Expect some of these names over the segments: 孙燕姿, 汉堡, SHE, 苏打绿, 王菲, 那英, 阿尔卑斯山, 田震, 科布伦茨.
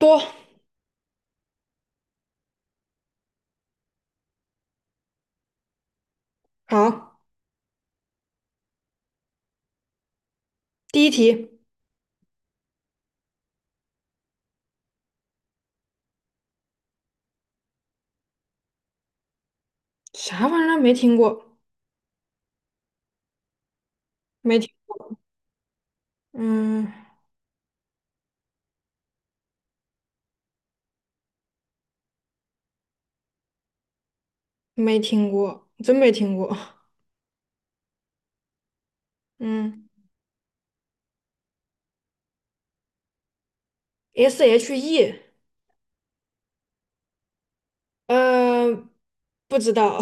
多。好，第一题，啥玩意儿没听过？没听，嗯，没听过，真没听过。嗯，SHE，呃，不知道，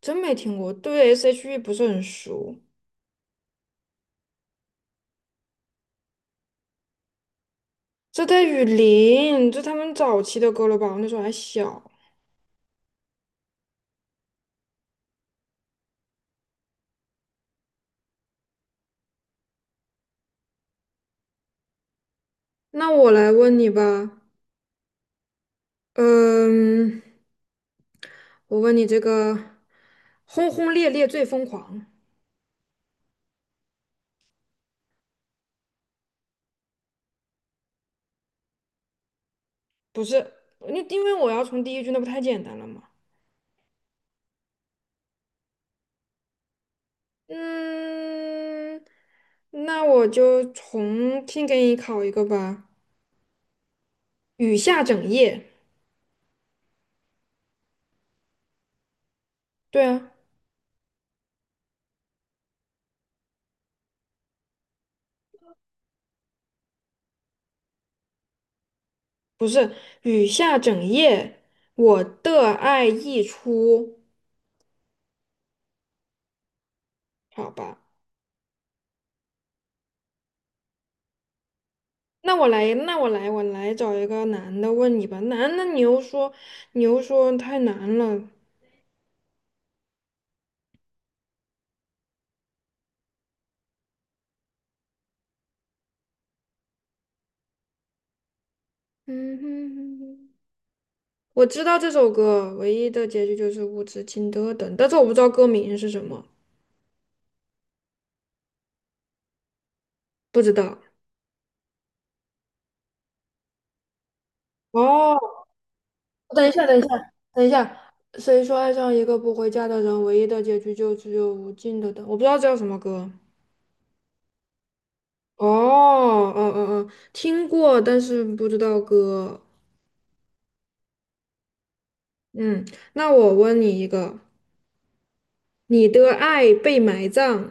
真没听过，对 SHE 不是很熟。这带雨林，这他们早期的歌了吧？我那时候还小。那我来问你吧，嗯，我问你这个"轰轰烈烈最疯狂"不是？你因为我要从第一句，那不太简单了吗？嗯，那我就重新给你考一个吧。雨下整夜，对啊，不是雨下整夜，我的爱溢出，好吧。那我来，那我来，我来找一个男的问你吧。男的你又说太难了。嗯哼哼哼，我知道这首歌唯一的结局就是无止境的等，但是我不知道歌名是什么，不知道。哦，等一下，等一下，等一下。谁说爱上一个不回家的人，唯一的结局就只有无尽的等？我不知道这叫什么歌。哦，哦哦哦，听过，但是不知道歌。嗯，那我问你一个：你的爱被埋葬，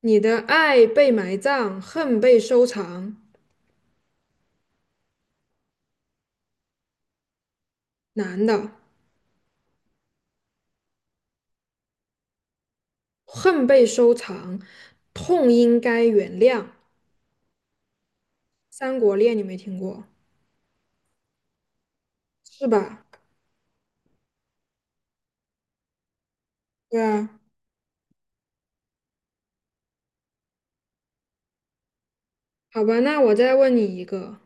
你的爱被埋葬，恨被收藏。男的，恨被收藏，痛应该原谅。《三国恋》你没听过是吧？对啊，好吧，那我再问你一个。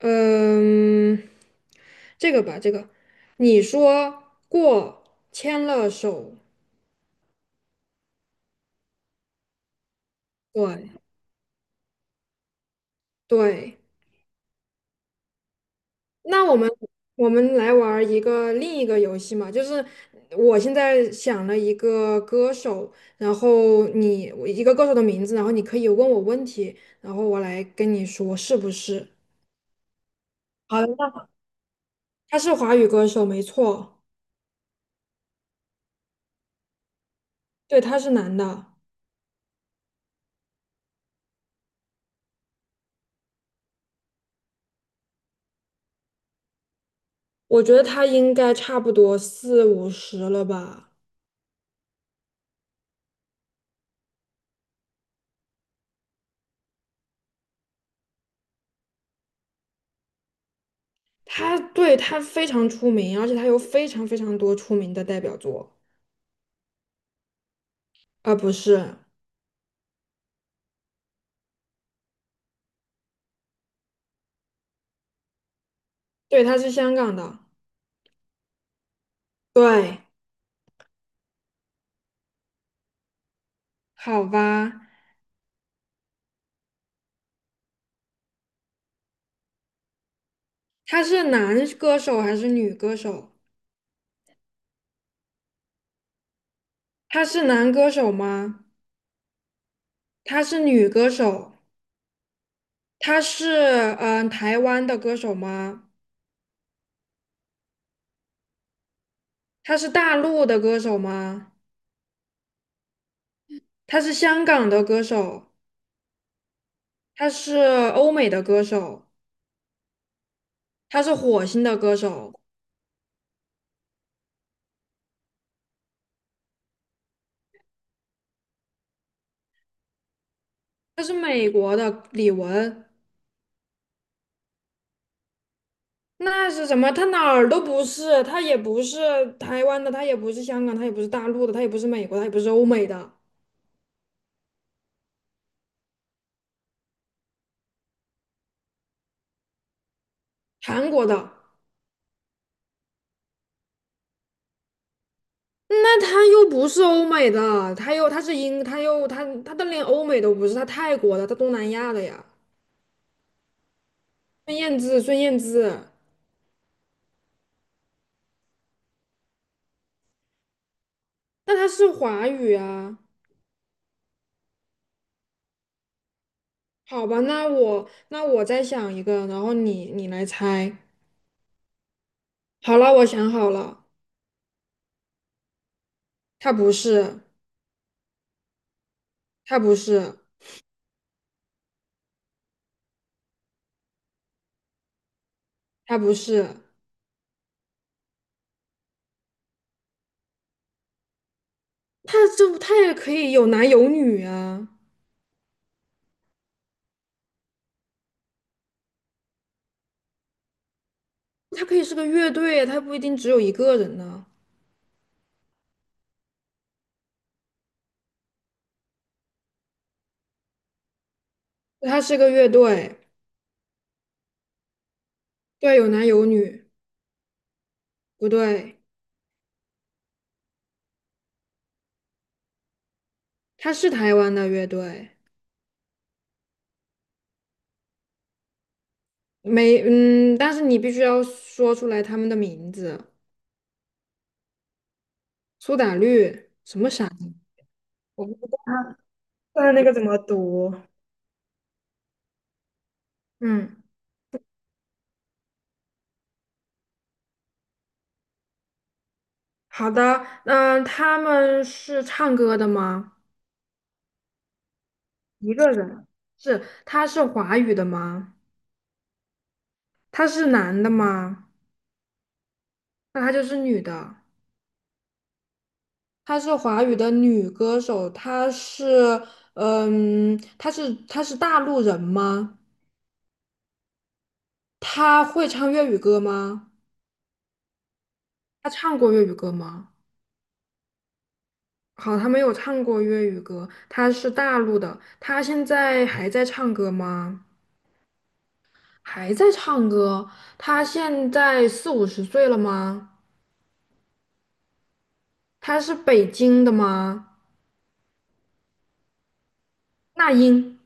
嗯，这个吧，这个，你说过牵了手，对对，那我们来玩儿一个另一个游戏嘛，就是我现在想了一个歌手，然后你我一个歌手的名字，然后你可以问我问题，然后我来跟你说是不是？好的，那好他是华语歌手，没错，对，他是男的，我觉得他应该差不多四五十了吧。他对他非常出名，而且他有非常非常多出名的代表作，啊，不是，对，他是香港的，对，好吧，他是男歌手还是女歌手？他是男歌手吗？他是女歌手？他是台湾的歌手吗？他是大陆的歌手吗？他是香港的歌手？他是欧美的歌手？他是火星的歌手？他是美国的李玟？那是什么？他哪儿都不是，他也不是台湾的，他也不是香港，他也不是大陆的，他也不是美国，他也不是欧美的，韩国的。那他又不是欧美的，他又他是英，他又他他的连欧美都不是，他泰国的，他东南亚的呀。孙燕姿，孙燕姿，那他是华语啊？好吧，那我再想一个，然后你来猜。好了，我想好了，他不是，他不是，他不是。他这他也可以有男有女啊，他可以是个乐队啊，他不一定只有一个人呢、他是个乐队，对，有男有女，不对，他是台湾的乐队，没，但是你必须要说出来他们的名字，苏打绿，什么傻？读嗯，好的，嗯，他们是唱歌的吗？一个人，是，他是华语的吗？他是男的吗？那他就是女的。她是华语的女歌手，她是，嗯，她是大陆人吗？她会唱粤语歌吗？她唱过粤语歌吗？好，她没有唱过粤语歌，她是大陆的，她现在还在唱歌吗？还在唱歌，她现在四五十岁了吗？她是北京的吗？那英，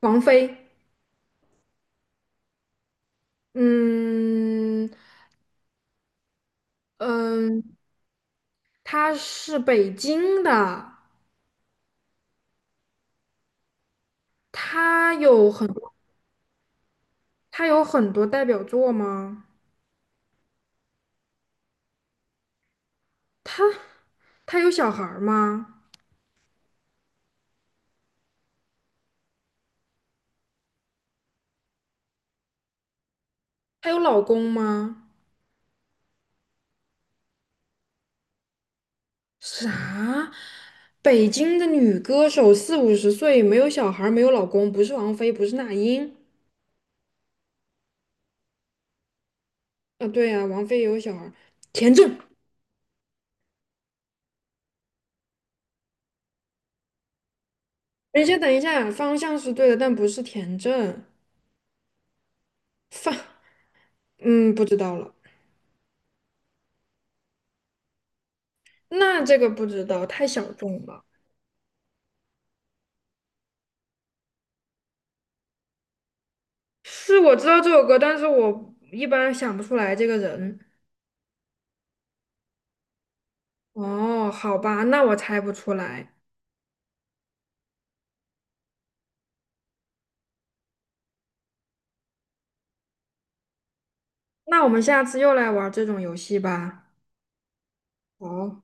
王菲，嗯嗯，她是北京的。他有很多，他有很多代表作吗？他他有小孩儿吗？他有老公吗？啥？北京的女歌手四五十岁，没有小孩儿，没有老公，不是王菲，不是那英。啊，对呀、王菲也有小孩儿，田震。等一下，等一下，方向是对的，但不是田震。放，嗯，不知道了。那这个不知道，太小众了。是我知道这首歌，但是我一般想不出来这个人。哦，好吧，那我猜不出来。那我们下次又来玩这种游戏吧。好。